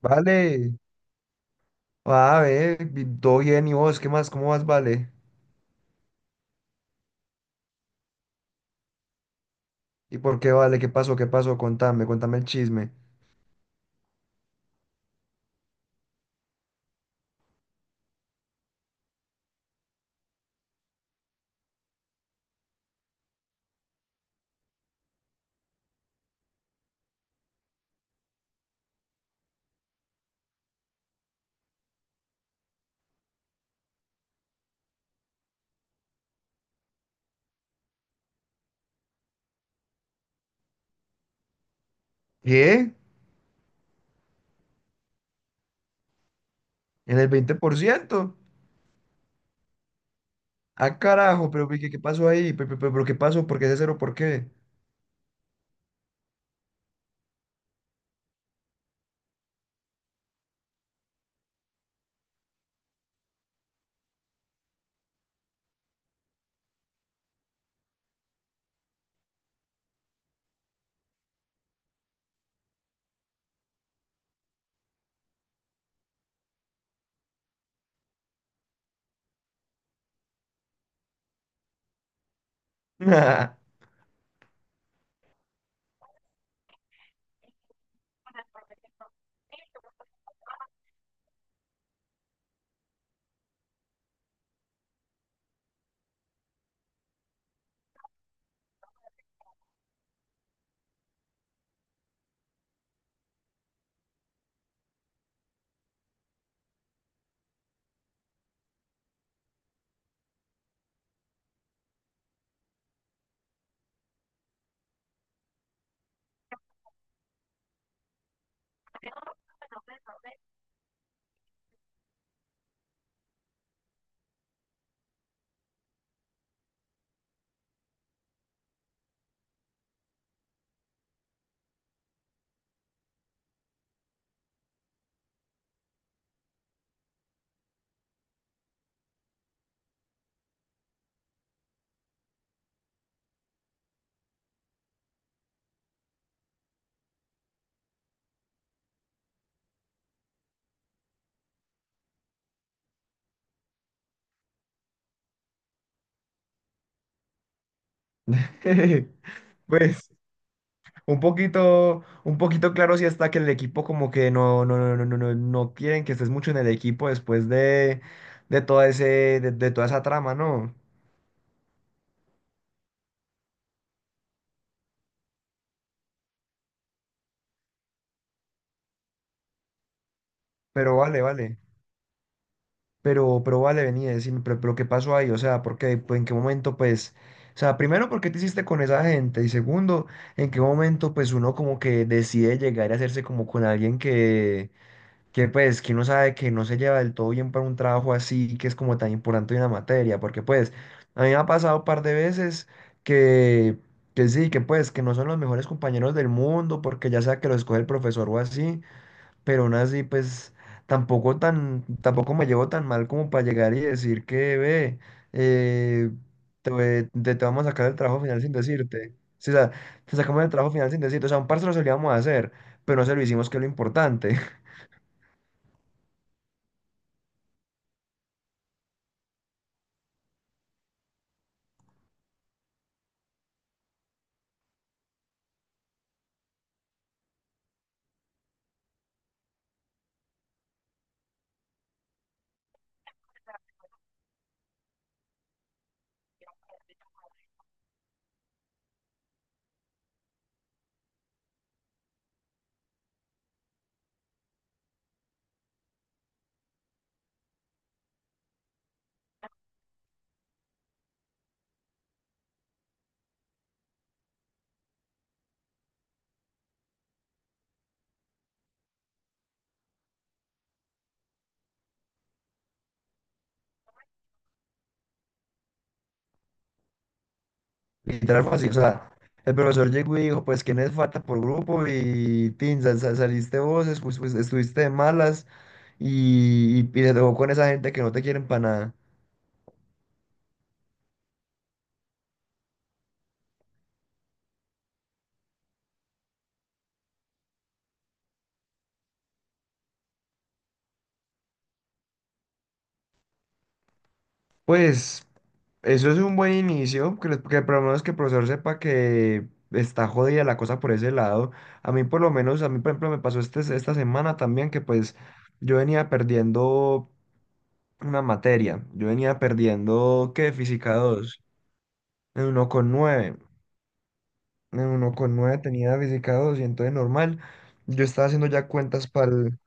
Vale, va a ver, todo bien, ¿y vos qué más? ¿Cómo vas, vale? ¿Y por qué vale? ¿Qué pasó? ¿Qué pasó? Contame el chisme. ¿Qué? ¿En el 20%? Ah, carajo, pero ¿qué pasó ahí? ¿Pero qué pasó? ¿Por qué ese cero? ¿Por qué? Pues, un poquito claro si está que el equipo como que no quieren que estés mucho en el equipo después de todo ese, de toda esa trama, ¿no? Pero vale, vale. Pero vale, venía a decirme, pero ¿qué pasó ahí? O sea, ¿por qué? Pues, ¿en qué momento, pues, o sea, primero, por qué te hiciste con esa gente? Y segundo, ¿en qué momento, pues, uno como que decide llegar a hacerse como con alguien que, pues, que uno sabe que no se lleva del todo bien para un trabajo así, que es como tan importante una materia? Porque, pues, a mí me ha pasado un par de veces que, que sí, que pues, que no son los mejores compañeros del mundo, porque ya sea que lo escoge el profesor o así, pero aún así, pues tampoco tampoco me llevo tan mal como para llegar y decir que, ve, eh, te vamos a sacar el trabajo final sin decirte. Sí, o sea, te sacamos el trabajo final sin decirte. O sea, un parcero se lo íbamos a hacer, pero no se lo hicimos, que es lo importante. Literal fácil. O sea, el profesor llegó y dijo, pues, ¿quién es falta por grupo? Y, tin, saliste vos, pues, estuviste de malas y te tocó con esa gente que no te quieren para nada. Pues eso es un buen inicio, que por lo menos que el profesor sepa que está jodida la cosa por ese lado. A mí por lo menos, a mí por ejemplo me pasó esta semana también, que pues yo venía perdiendo una materia, yo venía perdiendo, ¿qué? Física 2. En 1.9. En 1.9 tenía física 2 y entonces normal, yo estaba haciendo ya cuentas para el...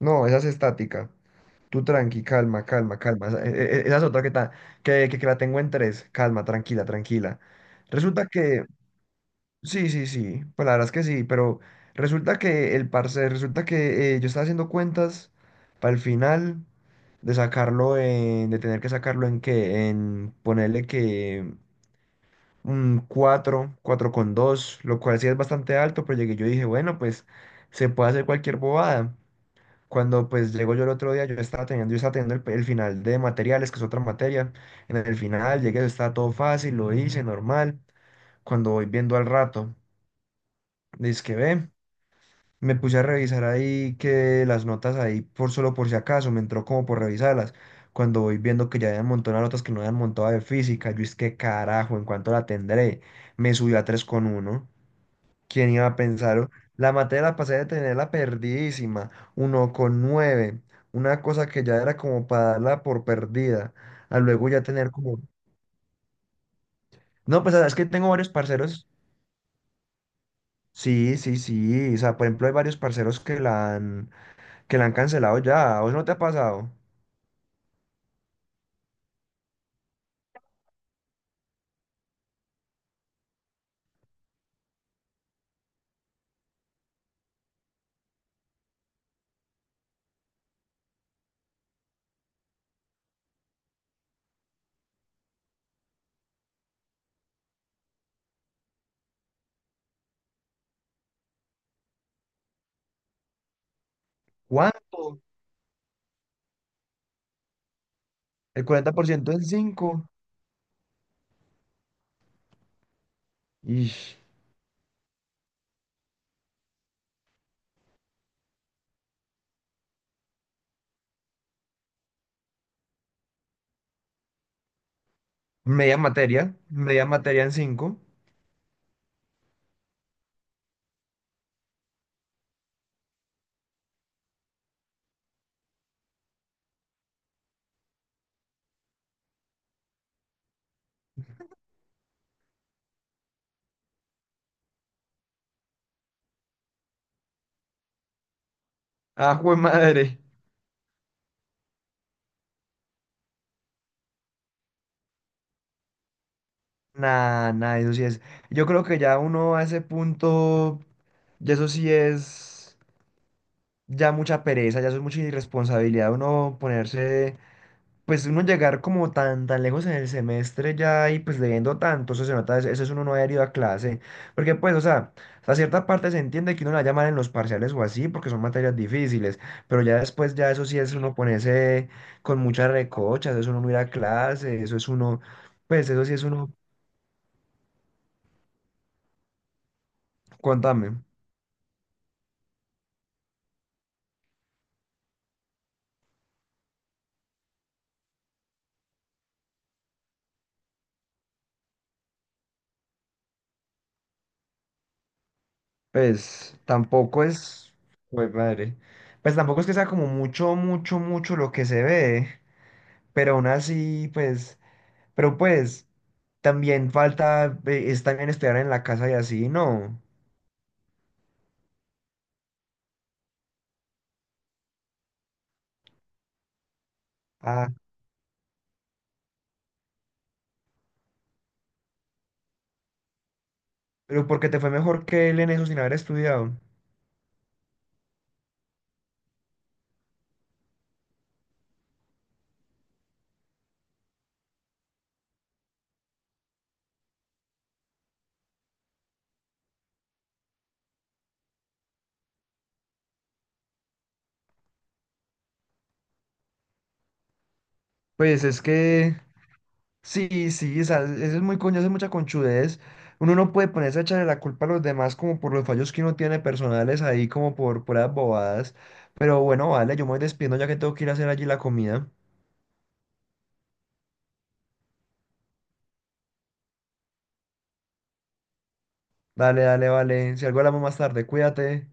No, esa es estática. Tú tranqui, calma, calma, calma. Esa es otra que, ta- que la tengo en tres. Calma, tranquila, tranquila. Resulta que, sí, sí, sí, pues la verdad es que sí, pero resulta que yo estaba haciendo cuentas para el final de tener que sacarlo en ponerle que 4.2, lo cual sí es bastante alto, pero llegué, yo dije, bueno, pues se puede hacer cualquier bobada. Cuando pues llego yo el otro día, yo estaba teniendo el final de materiales, que es otra materia. En el final llegué, estaba todo fácil, lo hice normal. Cuando voy viendo al rato, dice que ve, me puse a revisar ahí que las notas ahí, por solo por si acaso, me entró como por revisarlas. Cuando voy viendo que ya habían montado las notas que no habían montado de física, yo es que carajo, ¿en cuánto la tendré? Me subió a 3.1. ¿Quién iba a pensar? La materia la pasé de tenerla perdidísima, 1.9, una cosa que ya era como para darla por perdida, a luego ya tener como... No, pues es que tengo varios parceros, sí, sí, sí, o sea, por ejemplo hay varios parceros que la han cancelado ya, ¿a ¿vos no te ha pasado? ¿Cuánto? El 40% en 5. Y media materia en 5. ¡Ah, jue madre! Nada, nada, eso sí es. Yo creo que ya uno a ese punto. Y eso sí es ya mucha pereza, ya eso es mucha irresponsabilidad uno ponerse, pues uno llegar como tan, tan lejos en el semestre ya y pues leyendo tanto, eso se nota, eso es uno no haber ido a clase. Porque pues, o sea, a cierta parte se entiende que uno la llaman en los parciales o así, porque son materias difíciles, pero ya después ya eso sí es uno ponerse con muchas recochas, eso es uno no ir a clase, eso es uno, pues eso sí es uno, contame. Pues tampoco es, pues madre, pues tampoco es que sea como mucho, mucho, mucho lo que se ve, pero aún así, pero pues también falta, es también estudiar en la casa y así, ¿no? Ah, pero porque te fue mejor que él en eso sin haber estudiado. Pues es que, sí, sí, o sea, eso es muy coño, eso es mucha conchudez. Uno no puede ponerse a echarle la culpa a los demás como por los fallos que uno tiene personales ahí, como por puras bobadas. Pero bueno, vale, yo me voy despidiendo ya que tengo que ir a hacer allí la comida. Dale, dale, vale. Si algo hablamos más tarde, cuídate.